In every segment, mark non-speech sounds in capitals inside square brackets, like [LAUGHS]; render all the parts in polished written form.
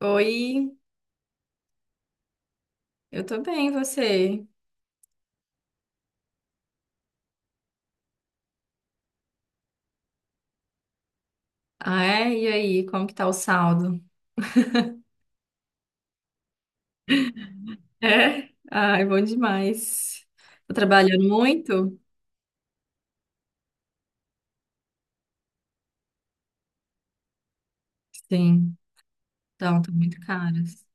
Oi, eu tô bem, e você? Ah, é? E aí, como que tá o saldo? É? Ai, bom demais. Tá trabalhando muito? Sim, então, estão muito caras.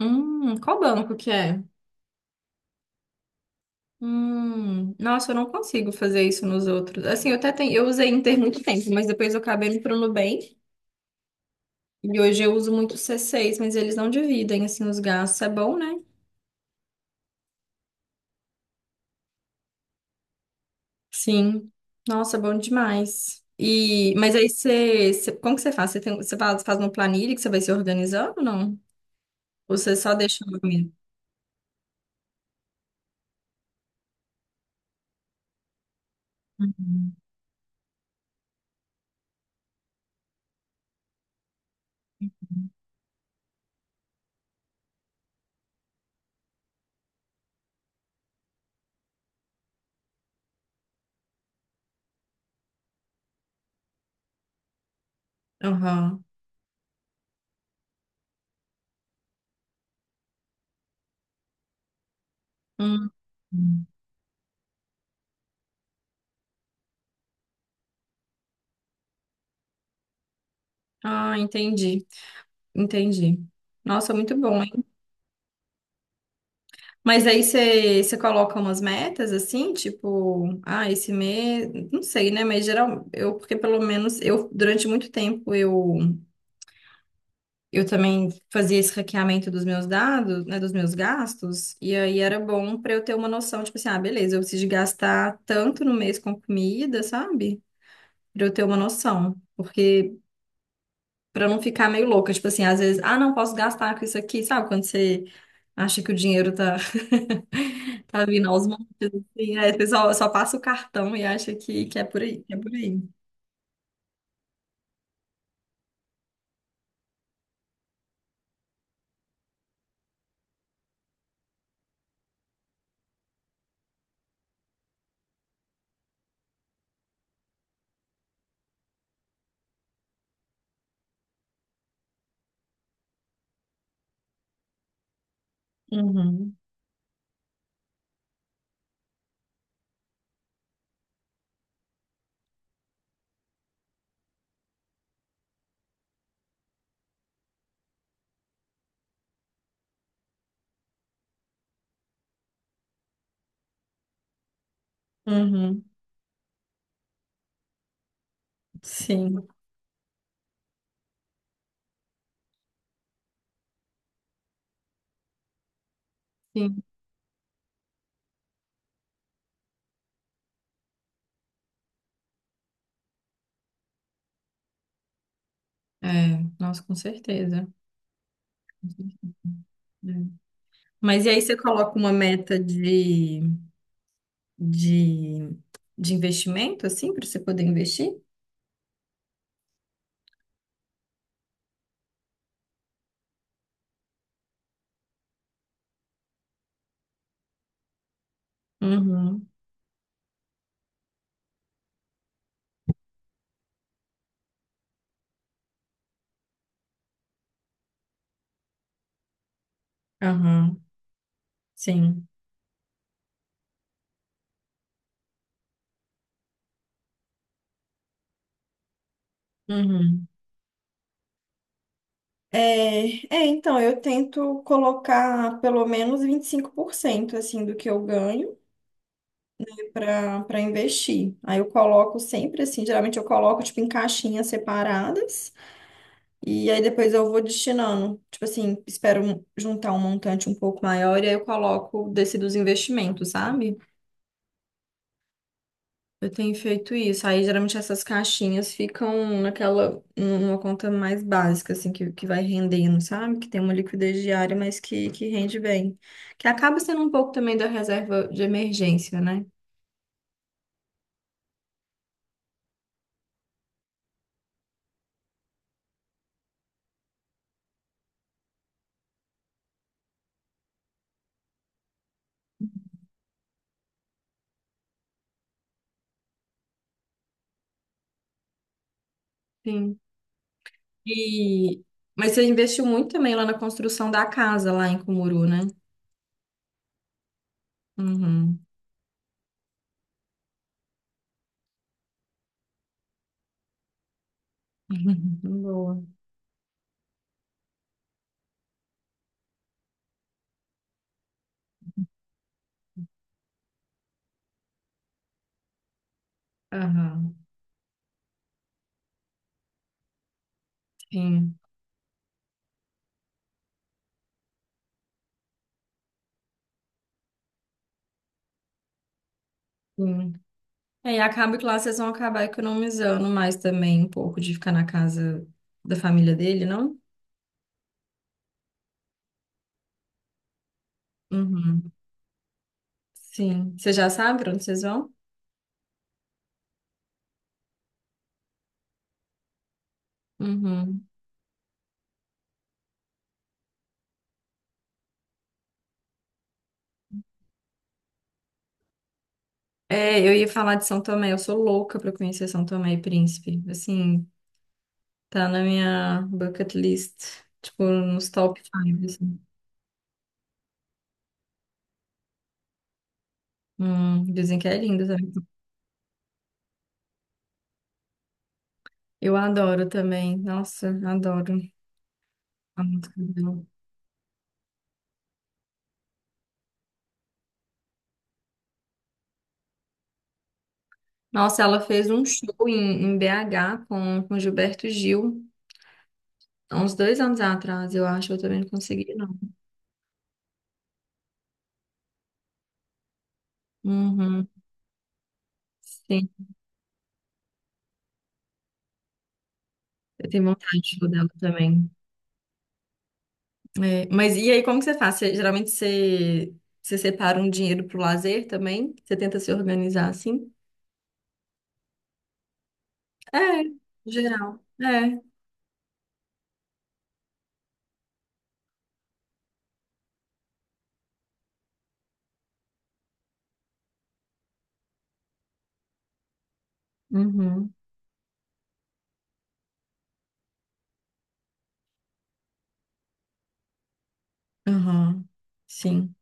Qual banco que é? Nossa, eu não consigo fazer isso nos outros. Assim, eu até tenho, eu usei Inter muito tempo, mas depois eu acabei indo pro Nubank. E hoje eu uso muito o C6, mas eles não dividem, assim, os gastos. É bom, né? Sim. Nossa, bom demais. E, mas aí como que você faz? Você tem, você faz uma planilha que você vai se organizando ou não? Ou você só deixa lá mesmo? Aham. Hum. Ah, entendi. Entendi. Nossa, muito bom, hein? Mas aí você, você coloca umas metas assim, tipo, ah, esse mês, não sei, né? Mas geral, eu, porque pelo menos eu, durante muito tempo, eu também fazia esse hackeamento dos meus dados, né, dos meus gastos, e aí era bom para eu ter uma noção, tipo assim, ah, beleza, eu preciso de gastar tanto no mês com comida, sabe? Para eu ter uma noção, porque para não ficar meio louca, tipo assim, às vezes, ah, não posso gastar com isso aqui, sabe? Quando você acha que o dinheiro tá [LAUGHS] tá vindo aos montes, assim, aí você só passa o cartão e acha que é por aí, que é por aí. Uhum, uhum, sim, sim. É, nossa, com certeza. Hum. Mas e aí você coloca uma meta de, de investimento, assim, para você poder investir? Uhum, aham, sim. Uhum. É, é, então, eu tento colocar pelo menos 25% assim do que eu ganho para investir. Aí eu coloco sempre assim, geralmente eu coloco tipo em caixinhas separadas e aí depois eu vou destinando. Tipo assim, juntar um montante um pouco maior e aí eu coloco desse dos investimentos, sabe? Eu tenho feito isso. Aí geralmente essas caixinhas ficam naquela, numa conta mais básica, assim, que vai rendendo, sabe? Que tem uma liquidez diária, mas que rende bem. Que acaba sendo um pouco também da reserva de emergência, né? Sim. E... Mas você investiu muito também lá na construção da casa, lá em Cumuru, né? Uhum. [LAUGHS] Boa. Aham. Sim. Sim. É, e acaba que lá vocês vão acabar economizando mais também um pouco de ficar na casa da família dele, não? Uhum. Sim. Você já sabe pra onde vocês vão? Uhum. É, eu ia falar de São Tomé. Eu sou louca pra conhecer São Tomé e Príncipe. Assim, tá na minha bucket list. Tipo, nos top 5, assim. Dizem que é lindo também. Eu adoro também. Nossa, adoro. A música dela. Nossa, ela fez um show em, em BH com Gilberto Gil, há uns 2 anos atrás, eu acho. Eu também não consegui, não. Uhum, sim, eu tenho vontade de show dela também. É, mas e aí, como que você faz? Geralmente você, você separa um dinheiro pro lazer também? Você tenta se organizar assim? É, geral. É. Uhum. Uhum. Sim.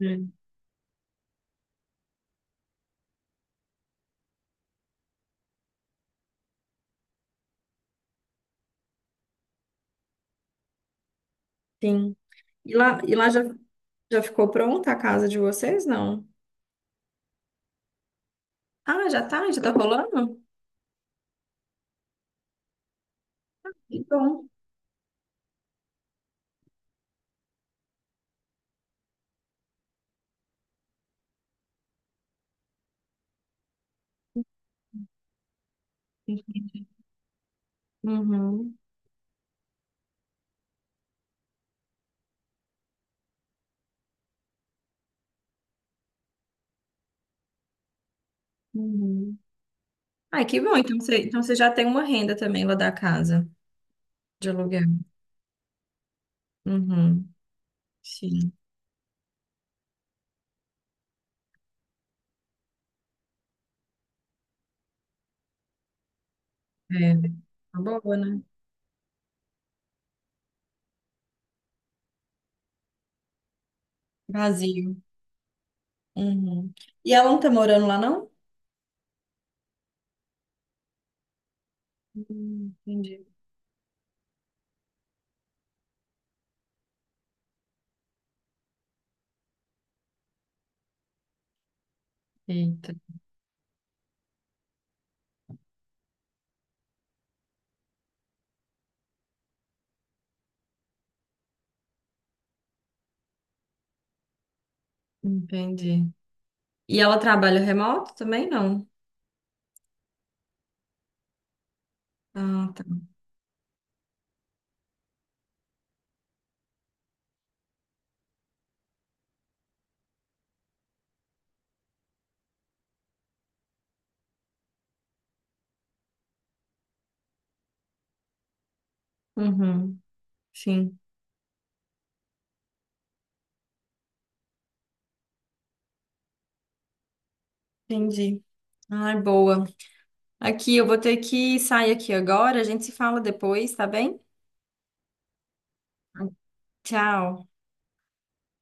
É. Sim. E lá, já ficou pronta a casa de vocês? Não. Ah, já tá? Já tá rolando? Que bom. Uhum. Uhum. Ai, que bom. Então você já tem uma renda também lá da casa de aluguel. Uhum. Sim. É. Tá boa, né? Vazio. Uhum. E ela não tá morando lá, não? Entendi. Eita, entendi. E ela trabalha remoto também, não? Ah, tá. Uhum, sim, entendi. Ai, boa. Aqui, eu vou ter que sair aqui agora. A gente se fala depois, tá bem? Tchau.